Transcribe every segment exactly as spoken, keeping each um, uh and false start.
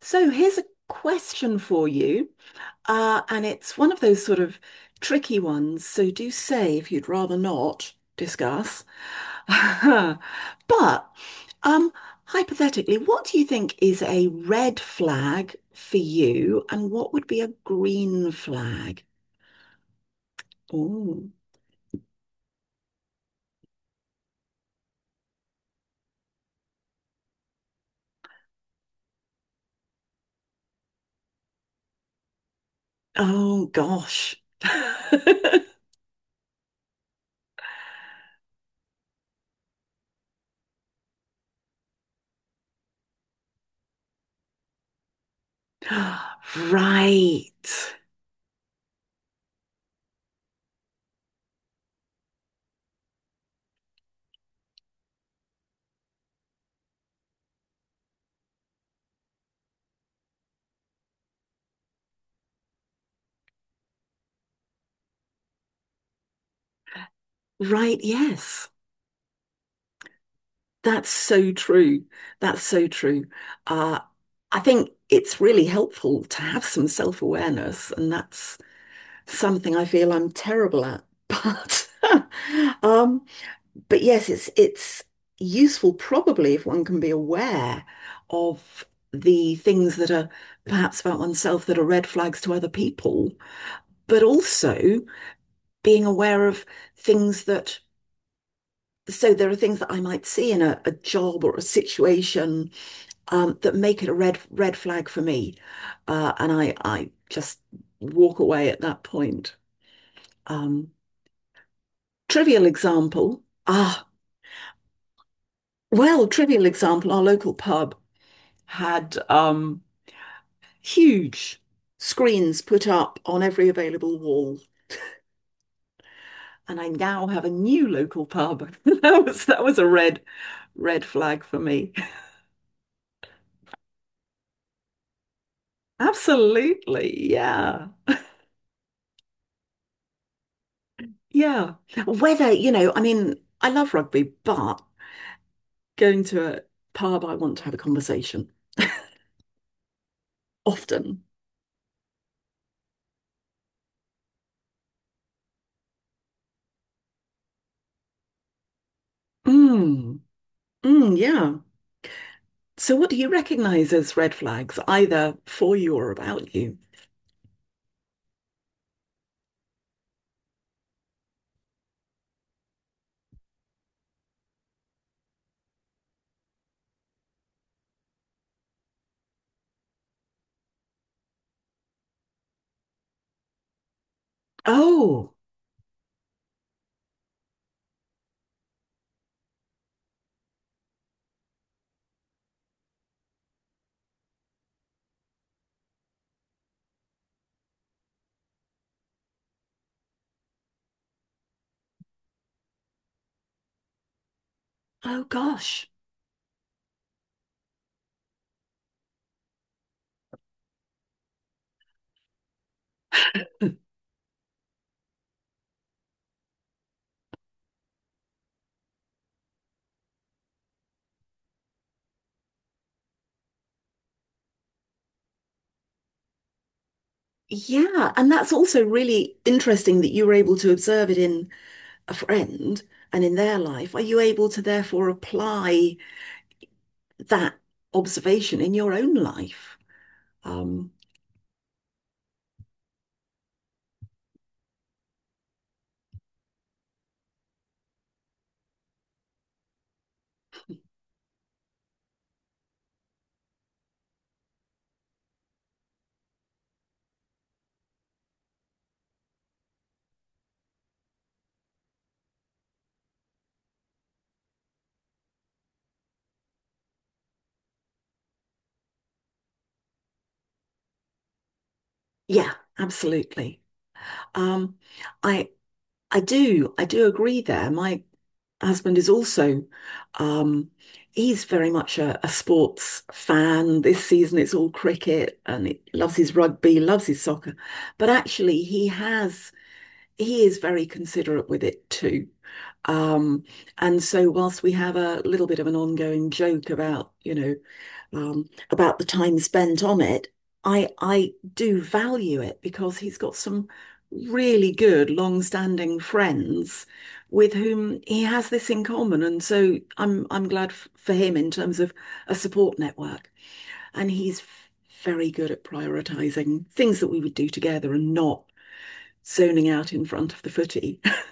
So here's a question for you, uh, and it's one of those sort of tricky ones. So do say if you'd rather not discuss. But um, hypothetically, what do you think is a red flag for you, and what would be a green flag? Oh, oh gosh. Right. Right, yes. That's so true. That's so true. Uh, I think it's really helpful to have some self-awareness, and that's something I feel I'm terrible at. But um, but yes, it's it's useful probably if one can be aware of the things that are perhaps about oneself that are red flags to other people, but also being aware of things that. So there are things that I might see in a, a job or a situation um, that make it a red red flag for me. Uh, and I I just walk away at that point. Um, Trivial example. ah, well, trivial example, our local pub had um, huge screens put up on every available wall, and I now have a new local pub. That was that was a red red flag for me. Absolutely. Yeah. Yeah. Whether, you know, I mean, I love rugby, but going to a pub, I want to have a conversation often. Mm, mm, yeah. So, what do you recognize as red flags, either for you or about you? Oh, oh gosh. Yeah, and that's also really interesting that you were able to observe it in a friend and in their life. Are you able to therefore apply that observation in your own life? Um, yeah, absolutely. Um, I I do I do agree there. My husband is also um he's very much a, a sports fan. This season it's all cricket and he loves his rugby, loves his soccer. But actually he has he is very considerate with it too. Um, and so whilst we have a little bit of an ongoing joke about, you know, um, about the time spent on it, I I do value it because he's got some really good long-standing friends with whom he has this in common. And so I'm I'm glad f for him in terms of a support network. And he's very good at prioritizing things that we would do together and not zoning out in front of the footy.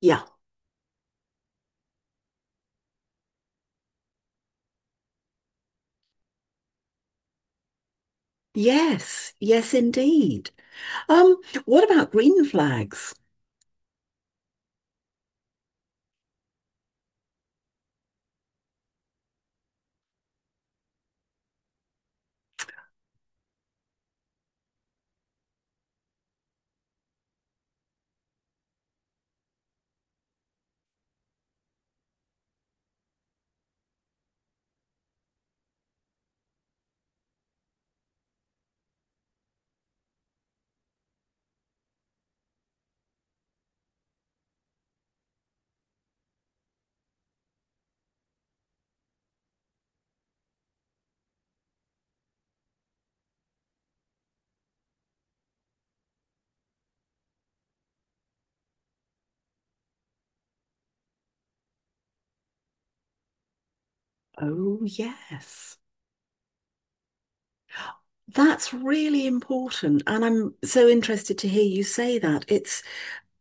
Yeah. Yes, yes, indeed. Um, what about green flags? Oh, yes. That's really important. And I'm so interested to hear you say that. It's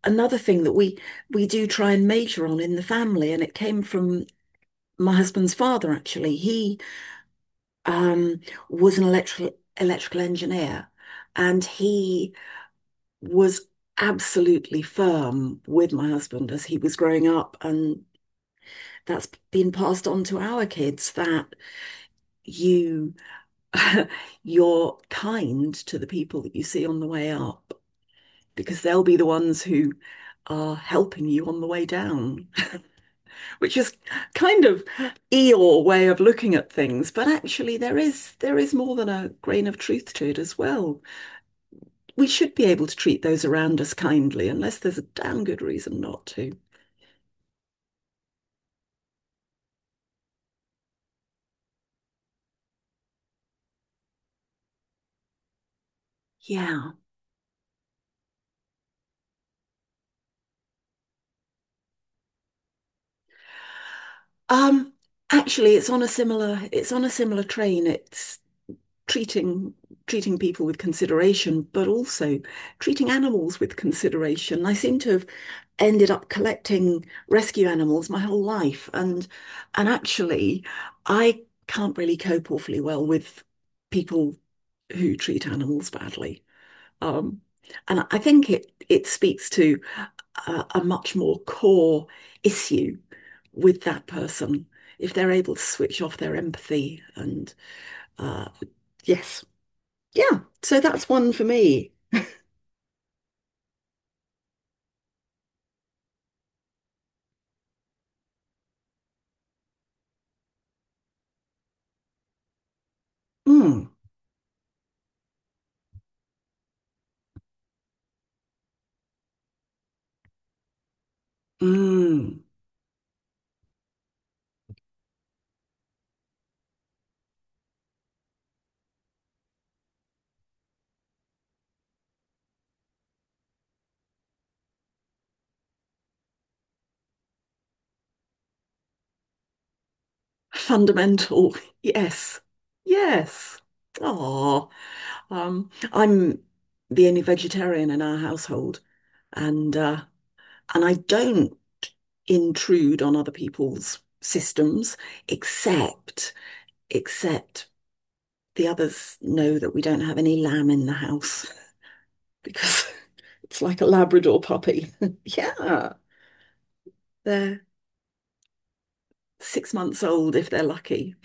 another thing that we we do try and major on in the family, and it came from my husband's father, actually. He um was an electrical electrical engineer, and he was absolutely firm with my husband as he was growing up and that's been passed on to our kids that you you're kind to the people that you see on the way up because they'll be the ones who are helping you on the way down, which is kind of Eeyore way of looking at things, but actually there is there is more than a grain of truth to it as well. We should be able to treat those around us kindly unless there's a damn good reason not to. Yeah. Um actually it's on a similar it's on a similar train. It's treating treating people with consideration, but also treating animals with consideration. I seem to have ended up collecting rescue animals my whole life, and and actually, I can't really cope awfully well with people who treat animals badly. Um, and I think it it speaks to a, a much more core issue with that person if they're able to switch off their empathy and uh, yes. Yeah, so that's one for me. Mm, mm. Fundamental. Yes. Yes. Oh, um, I'm the only vegetarian in our household, and uh, and I don't intrude on other people's systems, except except the others know that we don't have any lamb in the house because it's like a Labrador puppy. Yeah, they're six months old if they're lucky.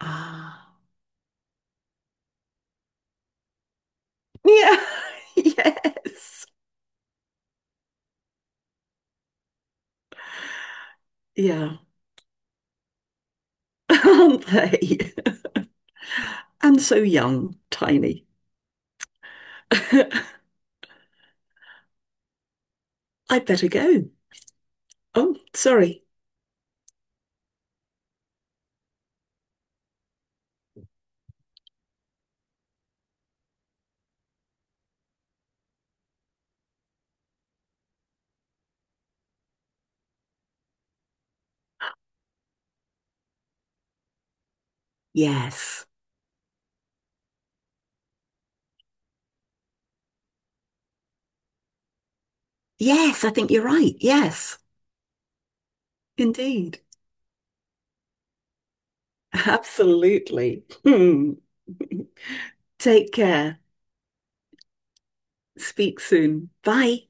Ah. Yeah. Yes. Yeah. Aren't they? And so young, tiny. I'd better go. Oh, sorry. Yes. Yes, I think you're right. Yes, indeed. Absolutely. Hmm. Take care. Speak soon. Bye.